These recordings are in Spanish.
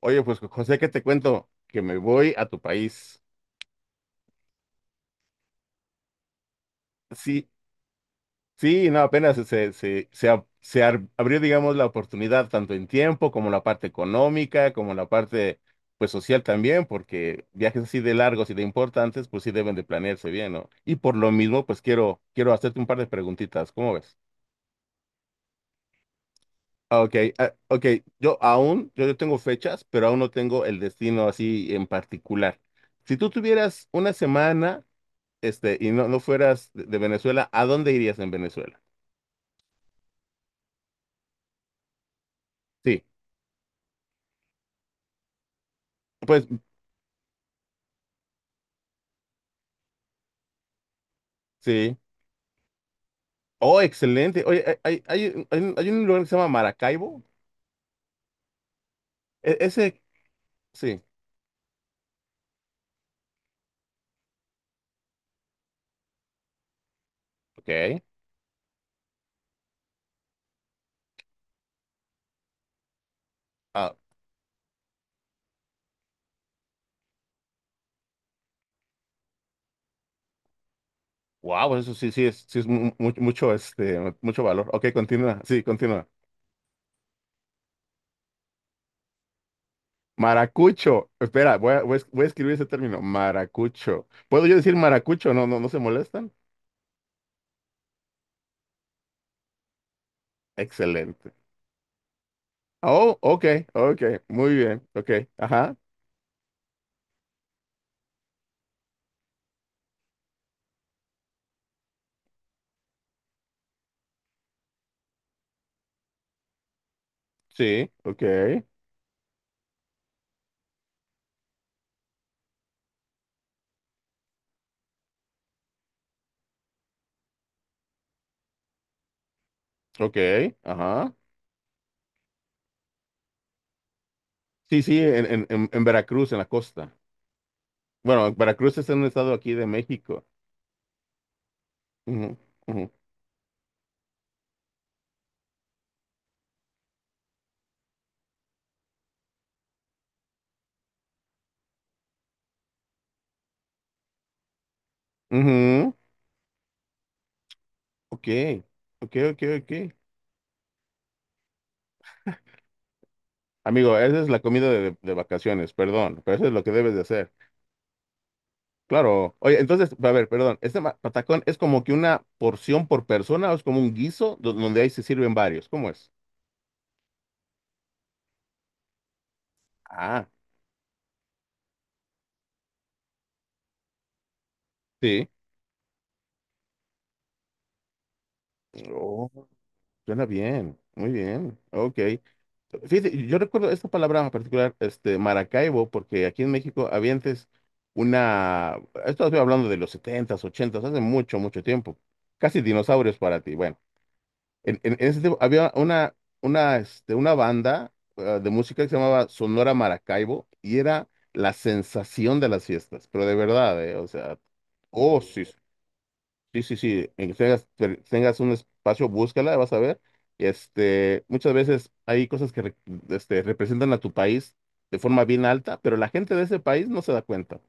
Oye, pues José, ¿qué te cuento? Que me voy a tu país. Sí, sí, no, apenas se, se, se, ab- se ar- abrió, digamos, la oportunidad tanto en tiempo como la parte económica, como la parte, pues, social también, porque viajes así de largos y de importantes, pues sí deben de planearse bien, ¿no? Y por lo mismo, pues quiero hacerte un par de preguntitas, ¿cómo ves? Ah, ok, ah, ok. Yo tengo fechas, pero aún no tengo el destino así en particular. Si tú tuvieras una semana, y no fueras de Venezuela, ¿a dónde irías en Venezuela? Sí, pues sí. Oh, excelente. Oye, hay un, hay un- hay un lugar que se llama Maracaibo. Ese, sí. Ok. Ah, wow, eso sí, sí es mucho, mucho valor. Ok, continúa. Sí, continúa. Maracucho. Espera, voy a escribir ese término. Maracucho. ¿Puedo yo decir maracucho? No, no, no se molestan. Excelente. Oh, ok, ok. Muy bien. Ok. Ajá. Sí. Ok. Ok. Ajá. Sí, sí, en Veracruz, en la costa. Bueno, Veracruz es un estado aquí de México. Ujú, ujú, ujú. Ok, ok, ok, ok. Amigo, esa es la comida de vacaciones, perdón, pero eso es lo que debes de hacer. Claro. Oye, entonces, a ver, perdón, ¿este patacón es como que una porción por persona o es como un guiso donde ahí se sirven varios? ¿Cómo es? Ah, sí. Suena bien, muy bien, ok. Fíjate, yo recuerdo esta palabra en particular, Maracaibo, porque aquí en México había antes una... Esto, estoy hablando de los setentas, ochentas, hace mucho, mucho tiempo, casi dinosaurios para ti. Bueno, en ese tiempo había una banda de música que se llamaba Sonora Maracaibo y era la sensación de las fiestas, pero de verdad, o sea. Oh, sí. Sí, sí, sí, en que tengas, tengas un espacio, búscala, vas a ver. Muchas veces hay cosas que representan a tu país de forma bien alta, pero la gente de ese país no se da cuenta.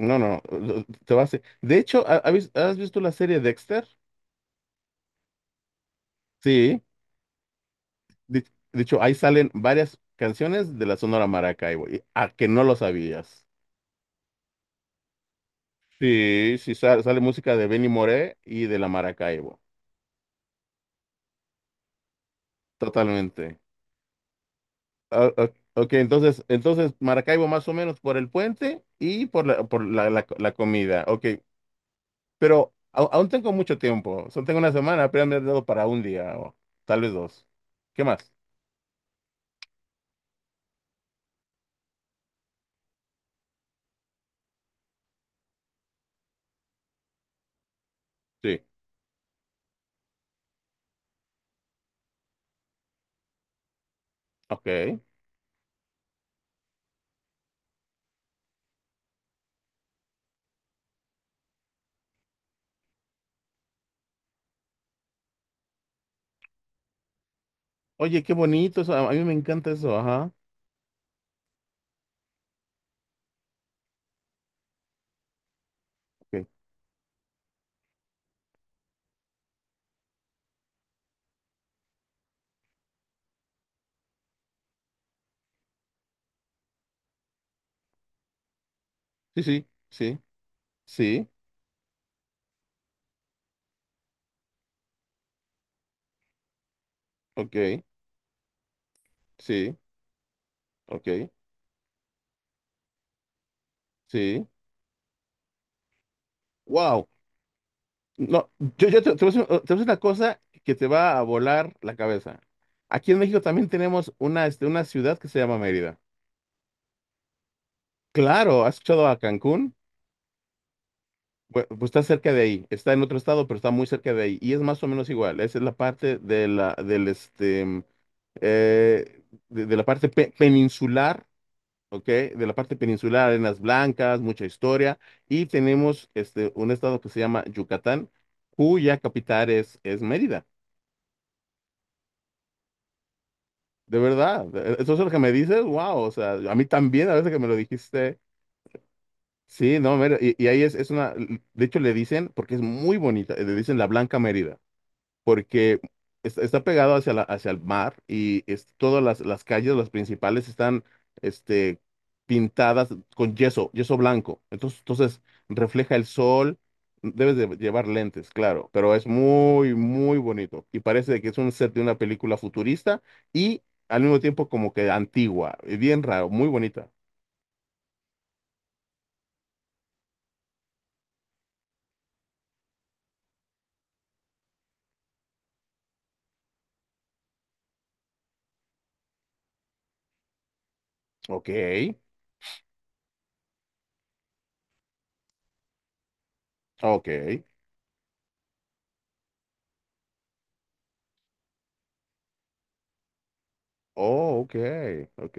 No, no, no, te va a hacer- de hecho, ¿ha- ha ¿has visto la serie Dexter? Sí, de, de hecho, ahí salen varias canciones de la Sonora Maracaibo, a que no lo sabías. Sí, sí, sale música de Benny Moré y de la Maracaibo, totalmente. Ah, ah, ok, entonces Maracaibo más o menos por el puente y la comida. Ok, pero aún tengo mucho tiempo. Solo tengo una semana, apenas me has dado para un día o tal vez dos. ¿Qué más? Sí. Ok. Oye, qué bonito eso. A mí me encanta eso. Ajá. Ok, sí, sí, sí, sí. Ok, sí, ok, sí. Wow. No, yo te voy a decir una cosa que te va a volar la cabeza. Aquí en México también tenemos una ciudad que se llama Mérida. Claro, ¿has escuchado a Cancún? Pues, está cerca de ahí, está en otro estado, pero está muy cerca de ahí y es más o menos igual. Esa es la parte eh, de la parte peninsular, ¿ok? De la parte peninsular, arenas blancas, mucha historia. Y tenemos, un estado que se llama Yucatán, cuya capital es Mérida. De verdad, eso es lo que me dices, wow, o sea, a mí también, a veces que me lo dijiste. Sí, no, mira, y ahí es una, de hecho le dicen, porque es muy bonita, le dicen la Blanca Mérida, porque está pegado hacia hacia el mar, y todas las calles, las principales, están, este, pintadas con yeso, yeso blanco. Entonces refleja el sol. Debes de llevar lentes, claro, pero es muy, muy bonito. Y parece que es un set de una película futurista y al mismo tiempo como que antigua, y bien raro, muy bonita. Ok, ok, oh, ok, ok.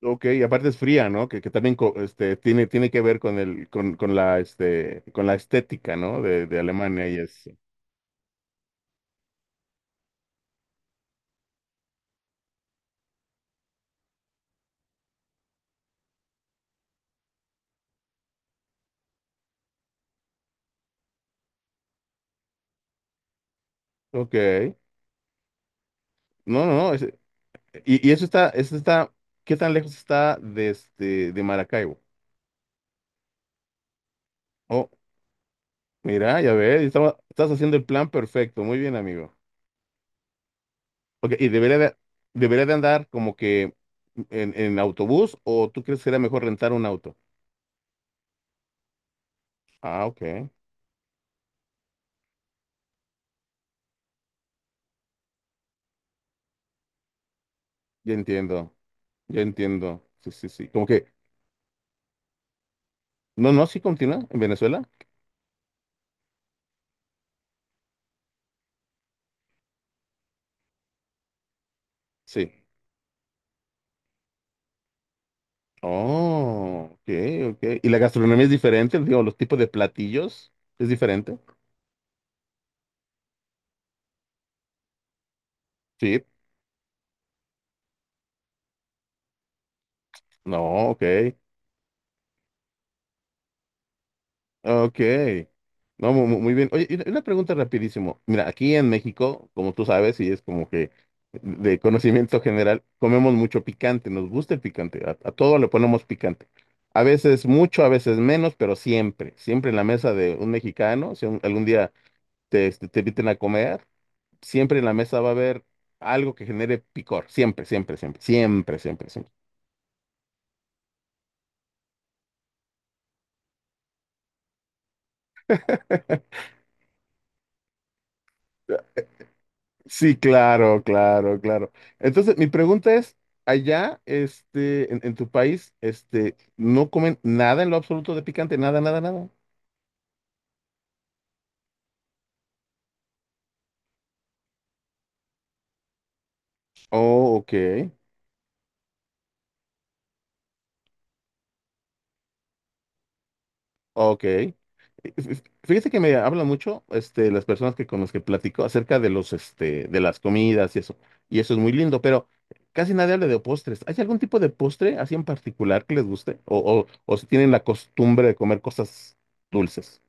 Ok, y aparte es fría, ¿no? Que también tiene que ver con el, con la, este, con la estética, ¿no? De Alemania y eso. Ok. No, no, no. Y, y eso está, eso está, ¿Qué tan lejos está de Maracaibo? Oh, mira, ya ves, estás haciendo el plan perfecto. Muy bien, amigo. Ok, y debería de andar como que en autobús, ¿o tú crees que sería mejor rentar un auto? Ah, ok. Ya entiendo, ya entiendo. Sí, sí, sí. Como que, no, no, sí continúa en Venezuela. Sí. Oh, ok, ok. ¿Y la gastronomía es diferente? Digo, los tipos de platillos es diferente. Sí. No, ok. Ok. No, muy bien. Oye, y una pregunta rapidísimo. Mira, aquí en México, como tú sabes, y es como que de conocimiento general, comemos mucho picante, nos gusta el picante, a todo le ponemos picante. A veces mucho, a veces menos, pero siempre, siempre en la mesa de un mexicano, si algún día te inviten a comer. Siempre en la mesa va a haber algo que genere picor. Siempre, siempre, siempre, siempre, siempre, siempre. Sí, claro, claro, claro. Entonces, mi pregunta es, allá, en tu país, ¿no comen nada en lo absoluto de picante? Nada, nada, nada. Oh, ok. Ok. Fíjate que me hablan mucho, las personas que con las que platico acerca de de las comidas y eso. Y eso es muy lindo, pero casi nadie habla de postres. ¿Hay algún tipo de postre así en particular que les guste? O si tienen la costumbre de comer cosas dulces.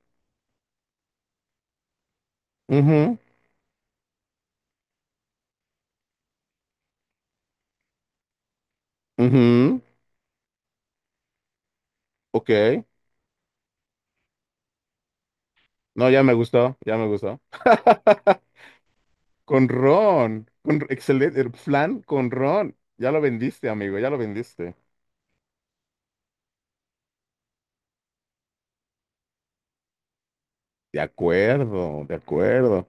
Mhm. Mhm. Ok. No, ya me gustó, ya me gustó. Con ron, con excelente, el flan con ron. Ya lo vendiste, amigo, ya lo vendiste. De acuerdo, de acuerdo.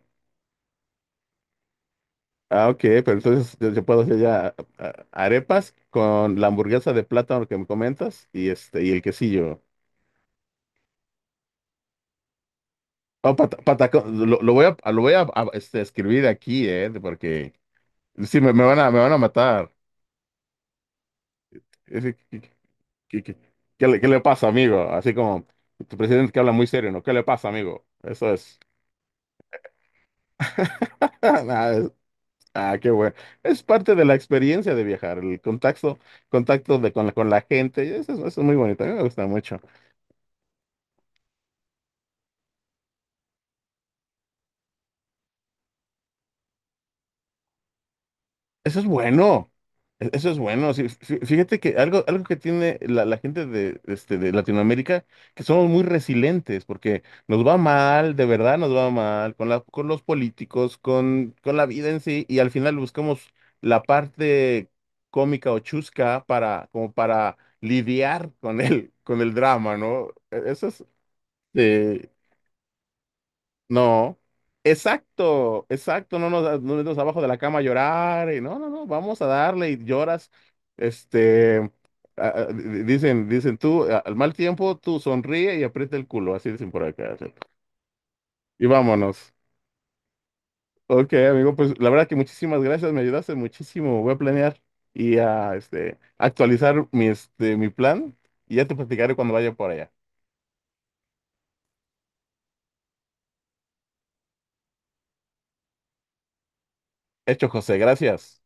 Ah, ok, pero entonces yo puedo hacer ya, arepas con la hamburguesa de plátano que me comentas y el quesillo. Oh, patacón, lo voy a escribir aquí, porque sí, me van a matar. Es que- que- ¿Qué, qué le pasa, amigo? Así como tu presidente que habla muy serio, ¿no? ¿Qué le pasa, amigo? Eso es. Ah, qué bueno. Es parte de la experiencia de viajar, el contacto con la gente. Eso es muy bonito, a mí me gusta mucho. Eso es bueno. Eso es bueno. Sí, fíjate que algo que tiene la gente de Latinoamérica, que somos muy resilientes, porque nos va mal, de verdad nos va mal, con con los políticos, con la vida en sí, y al final buscamos la parte cómica o chusca para, como para lidiar con el drama, ¿no? Eso es, eh, no, exacto, exacto, no nos abajo de la cama a llorar, y no, no, no, vamos a darle y lloras, este, dicen, dicen tú, al mal tiempo, tú sonríe y aprieta el culo, así dicen por acá, sí. Y vámonos. Ok, amigo, pues la verdad que muchísimas gracias, me ayudaste muchísimo, voy a planear y a, actualizar mi plan, y ya te platicaré cuando vaya por allá. Hecho, José, gracias.